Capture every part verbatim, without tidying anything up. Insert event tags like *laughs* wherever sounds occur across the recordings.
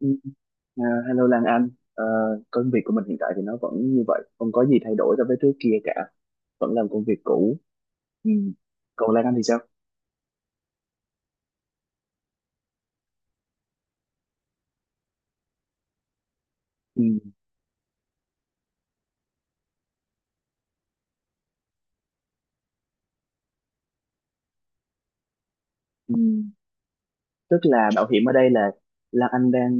Ừ, à, Hello Lan Anh. Ờ, Công việc của mình hiện tại thì nó vẫn như vậy, không có gì thay đổi so với trước kia cả, vẫn làm công việc cũ. Ừ. Còn Lan Anh thì sao? Ừ. Ừ. Ừ. Tức là bảo hiểm ở đây là Lan Anh đang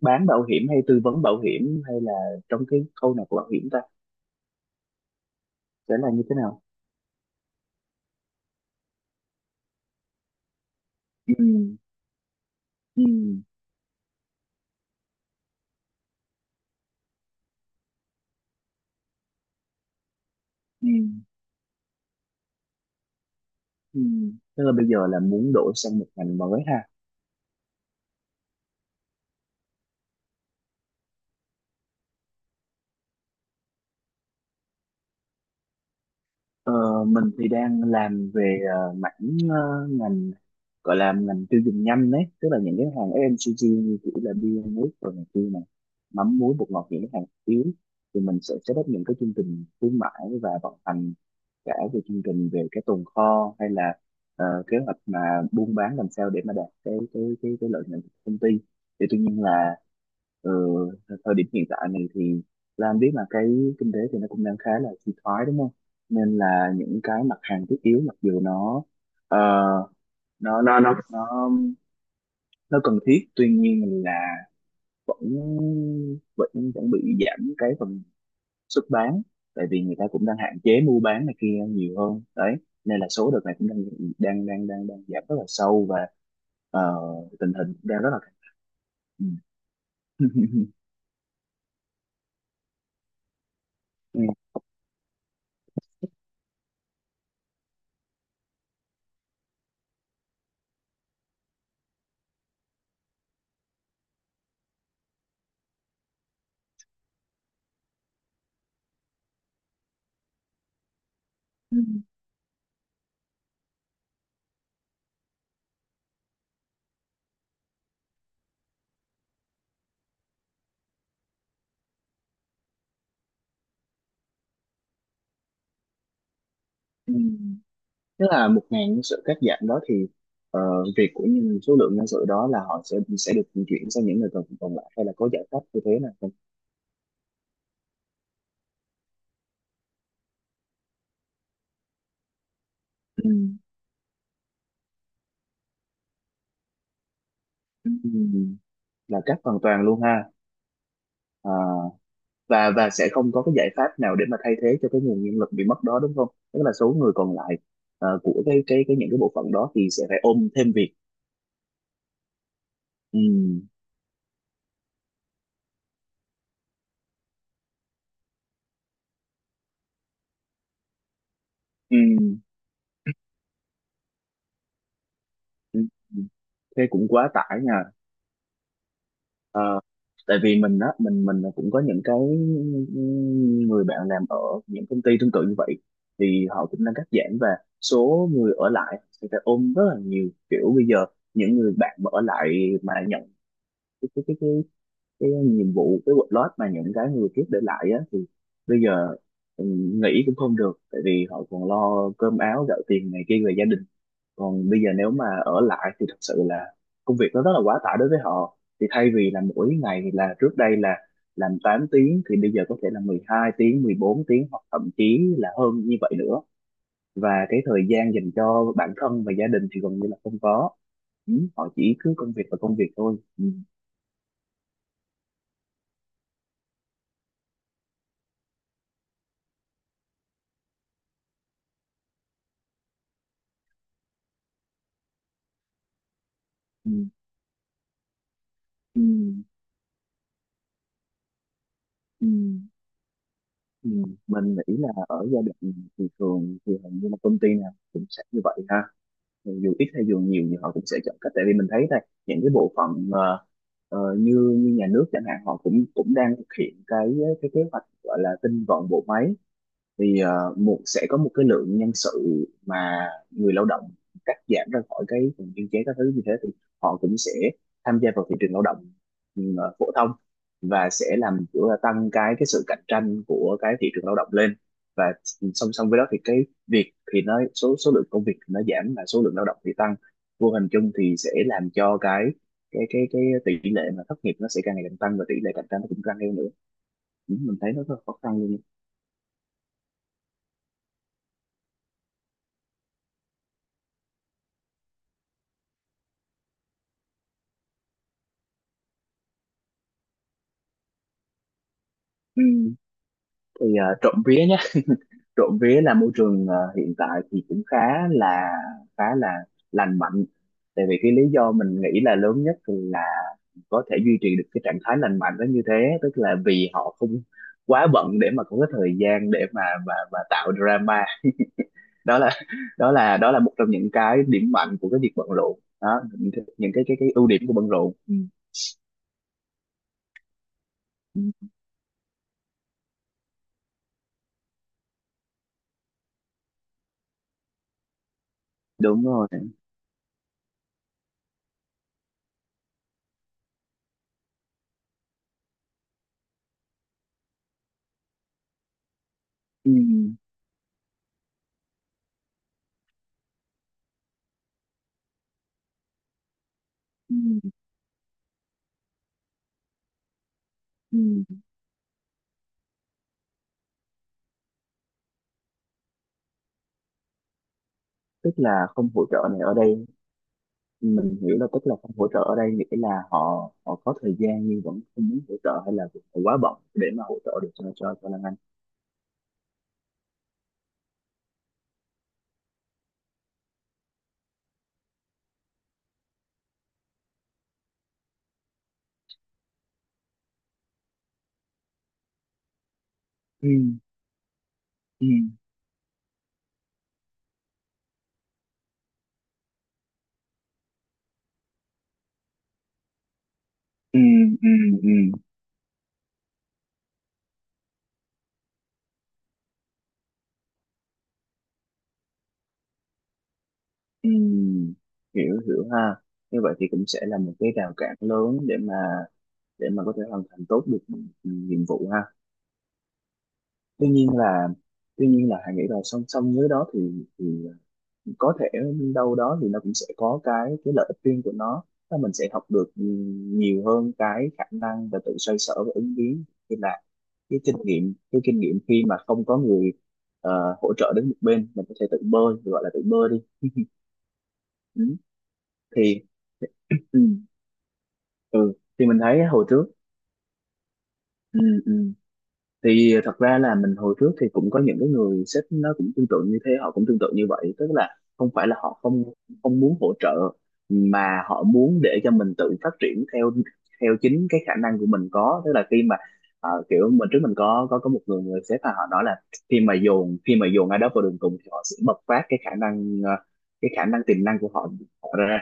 bán bảo hiểm hay tư vấn bảo hiểm hay là trong cái khâu nào của bảo hiểm ta? Sẽ là như thế nào? Ừ. Ừ. Ừ. Ừ. Ừ. Ừ. Tức là bây giờ là muốn đổi sang một ngành mới ha. Ờ, mình thì đang làm về ờ, mảng, ờ, ngành gọi là ngành tiêu dùng nhanh đấy, tức là những cái hàng ép em xê giê như kiểu là bia nước rồi này kia này, mắm muối bột ngọt, những cái hàng yếu thì mình sẽ set up những cái chương trình khuyến mãi và vận hành cả về chương trình, về cái tồn kho, hay là ờ, kế hoạch mà buôn bán làm sao để mà đạt cái cái cái cái lợi nhuận của công ty. Thì tuy nhiên là ờ, thời điểm hiện tại này thì Lan biết là cái kinh tế thì nó cũng đang khá là suy thoái đúng không, nên là những cái mặt hàng thiết yếu mặc dù nó ờ, nó nó nó nó nó cần thiết, tuy nhiên là vẫn vẫn vẫn bị giảm cái phần xuất bán, tại vì người ta cũng đang hạn chế mua bán này kia nhiều hơn đấy, nên là số đợt này cũng đang đang đang đang đang giảm rất là sâu và ờ, tình hình cũng đang rất là căng thẳng. Ừ. *laughs* Thế là một ngàn nhân sự cắt giảm đó thì ờ, việc của những số lượng nhân sự đó là họ sẽ sẽ được chuyển sang những người còn còn lại, hay là có giải pháp như thế nào không? Ừm, là cắt hoàn toàn luôn ha. À, và và sẽ không có cái giải pháp nào để mà thay thế cho cái nguồn nhân lực bị mất đó đúng không? Tức là số người còn lại, ờ, của cái cái cái những cái bộ phận đó thì sẽ phải ôm thêm việc. Ừm, ừm, ừm, Thế cũng quá tải nha. Ờ, Tại vì mình á, mình mình cũng có những cái người bạn làm ở những công ty tương tự như vậy, thì họ cũng đang cắt giảm và số người ở lại thì phải ôm rất là nhiều. Kiểu bây giờ những người bạn mà ở lại mà nhận cái cái cái, cái cái nhiệm vụ, cái workload mà những cái người trước để lại á, thì bây giờ ừ, nghỉ cũng không được tại vì họ còn lo cơm áo gạo tiền này kia về gia đình, còn bây giờ nếu mà ở lại thì thật sự là công việc nó rất là quá tải đối với họ. Thì thay vì là mỗi ngày là trước đây là làm tám tiếng, thì bây giờ có thể là mười hai tiếng, mười bốn tiếng, hoặc thậm chí là hơn như vậy nữa, và cái thời gian dành cho bản thân và gia đình thì gần như là không có. Ừ, họ chỉ cứ công việc và công việc thôi. Ừ. Ừ. Ừ. Ừ, mình nghĩ là ở giai đoạn này thì thường thì hầu như là công ty nào cũng sẽ như vậy ha, dù ít hay dù nhiều thì họ cũng sẽ chọn cách. Tại vì mình thấy đây, những cái bộ phận ờ, ờ, như như nhà nước chẳng hạn, họ cũng cũng đang thực hiện cái cái kế hoạch gọi là tinh gọn bộ máy. Thì ờ, một sẽ có một cái lượng nhân sự mà người lao động cắt giảm ra khỏi cái vùng biên chế các thứ như thế, thì họ cũng sẽ tham gia vào thị trường lao động ừ, ờ, phổ thông, và sẽ làm kiểu là tăng cái cái sự cạnh tranh của cái thị trường lao động lên. Và song song với đó thì cái việc thì nó, số số lượng công việc thì nó giảm và số lượng lao động thì tăng, vô hình chung thì sẽ làm cho cái cái cái cái tỷ lệ mà thất nghiệp nó sẽ càng ngày càng tăng và tỷ lệ cạnh tranh nó cũng tăng theo nữa. Ừ, mình thấy nó rất là khó khăn luôn. Ừ. Thì uh, trộm vía, trộm vía là môi trường ờ, hiện tại thì cũng khá là khá là lành mạnh, tại vì cái lý do mình nghĩ là lớn nhất là có thể duy trì được cái trạng thái lành mạnh đó như thế, tức là vì họ không quá bận để mà có cái thời gian để mà mà mà tạo drama. Đó là đó là đó là một trong những cái điểm mạnh của cái việc bận rộn đó, những cái những cái cái, cái ưu điểm của bận rộn. Ừ. Ừ, đúng rồi. Ừ. Ừ, ừ, tức là không hỗ trợ này ở đây, mình hiểu là tức là không hỗ trợ ở đây nghĩa là họ họ có thời gian nhưng vẫn không muốn hỗ trợ, hay là họ quá bận để mà hỗ trợ được cho cho cho Lan Anh? Ừ ừ ừ ừ. Ừ. Ừ. Hiểu hiểu ha, như vậy thì cũng sẽ là một cái rào cản lớn để mà, để mà có thể hoàn thành tốt được nhiệm vụ ha. Tuy nhiên là, tuy nhiên là Hà nghĩ là song song với đó thì, thì có thể đâu đó thì nó cũng sẽ có cái cái lợi ích riêng của nó. Tức mình sẽ học được nhiều hơn cái khả năng và tự xoay sở và ứng biến, như là cái kinh nghiệm, cái kinh nghiệm khi mà không có người ờ, hỗ trợ đến một bên, mình có thể tự bơi, gọi là tự bơi đi. Ừ. Thì ừ. Ừ, thì mình thấy hồi trước, ừ, ừ, thì thật ra là mình hồi trước thì cũng có những cái người sếp nó cũng tương tự như thế, họ cũng tương tự như vậy, tức là không phải là họ không không muốn hỗ trợ, mà họ muốn để cho mình tự phát triển theo theo chính cái khả năng của mình có. Tức là khi mà ờ, kiểu mình trước mình có có có một người, người sếp mà họ nói là khi mà dồn, khi mà dồn ai đó vào đường cùng thì họ sẽ bộc phát cái khả năng, ờ, cái khả năng tiềm năng của họ, họ ra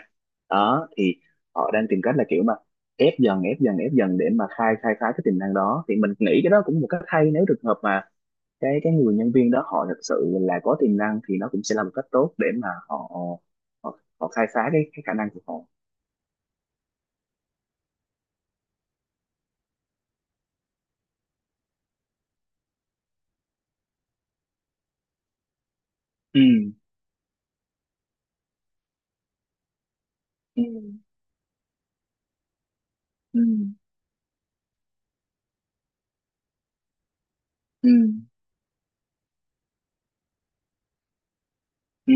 đó. Thì họ đang tìm cách là kiểu mà ép dần, ép dần ép dần để mà khai khai phá cái tiềm năng đó, thì mình nghĩ cái đó cũng một cách hay, nếu trường hợp mà cái cái người nhân viên đó họ thật sự là có tiềm năng thì nó cũng sẽ là một cách tốt để mà họ, họ họ khai phá cái, cái khả năng của họ. Ừ. Ừ. Ừ. Ừ.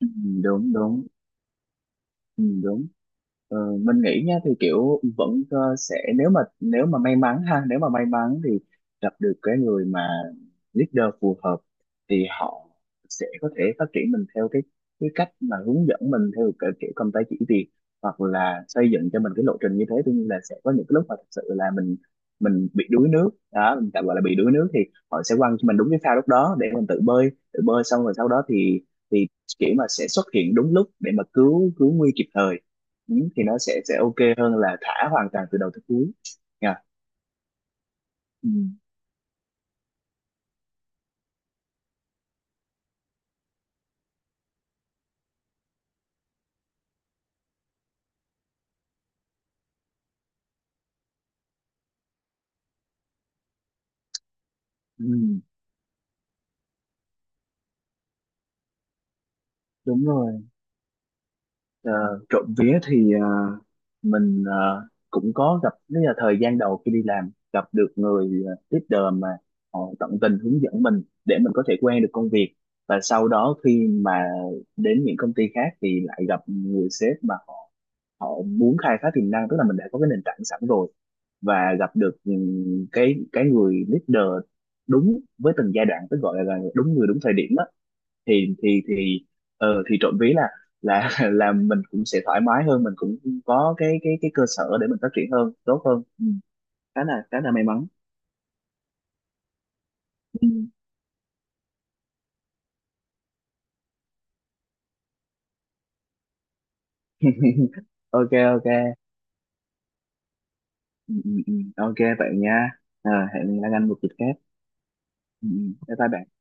Ừ, đúng đúng, ừ, đúng. Ờ, mình nghĩ nha thì kiểu vẫn ờ, sẽ nếu mà, nếu mà may mắn ha, nếu mà may mắn thì gặp được cái người mà leader phù hợp, thì họ sẽ có thể phát triển mình theo cái cái cách, mà hướng dẫn mình theo cái kiểu công tác chỉ việc, hoặc là xây dựng cho mình cái lộ trình như thế. Tuy nhiên là sẽ có những cái lúc mà thật sự là mình mình bị đuối nước đó, mình tạm gọi là bị đuối nước, thì họ sẽ quăng cho mình đúng cái phao lúc đó để mình tự bơi, tự bơi xong rồi sau đó thì thì kiểu mà sẽ xuất hiện đúng lúc để mà cứu, cứu nguy kịp thời. Ừ, thì nó sẽ sẽ ok hơn là thả hoàn toàn từ đầu tới cuối nha. Ừ. Ừ, đúng rồi. Ờ, trộm vía thì ờ, mình ờ, cũng có gặp, nếu là thời gian đầu khi đi làm gặp được người ờ, leader mà họ tận tình hướng dẫn mình để mình có thể quen được công việc. Và sau đó khi mà đến những công ty khác thì lại gặp người sếp mà họ họ muốn khai phá tiềm năng, tức là mình đã có cái nền tảng sẵn rồi, và gặp được ừm, cái cái người leader đúng với từng giai đoạn, tức gọi là đúng người đúng thời điểm á. Thì thì thì ờ, thì trộm vía là là *laughs* là mình cũng sẽ thoải mái hơn, mình cũng có cái cái cái cơ sở để mình phát triển hơn, tốt hơn. Ừ. Khá là, khá là may mắn. Ừ. Ok ok. Ừ, ừ, ừ. Ok vậy nha. Ờ, hẹn gặp anh một dịp khác. Ừ. Ừ. Bye bye bạn.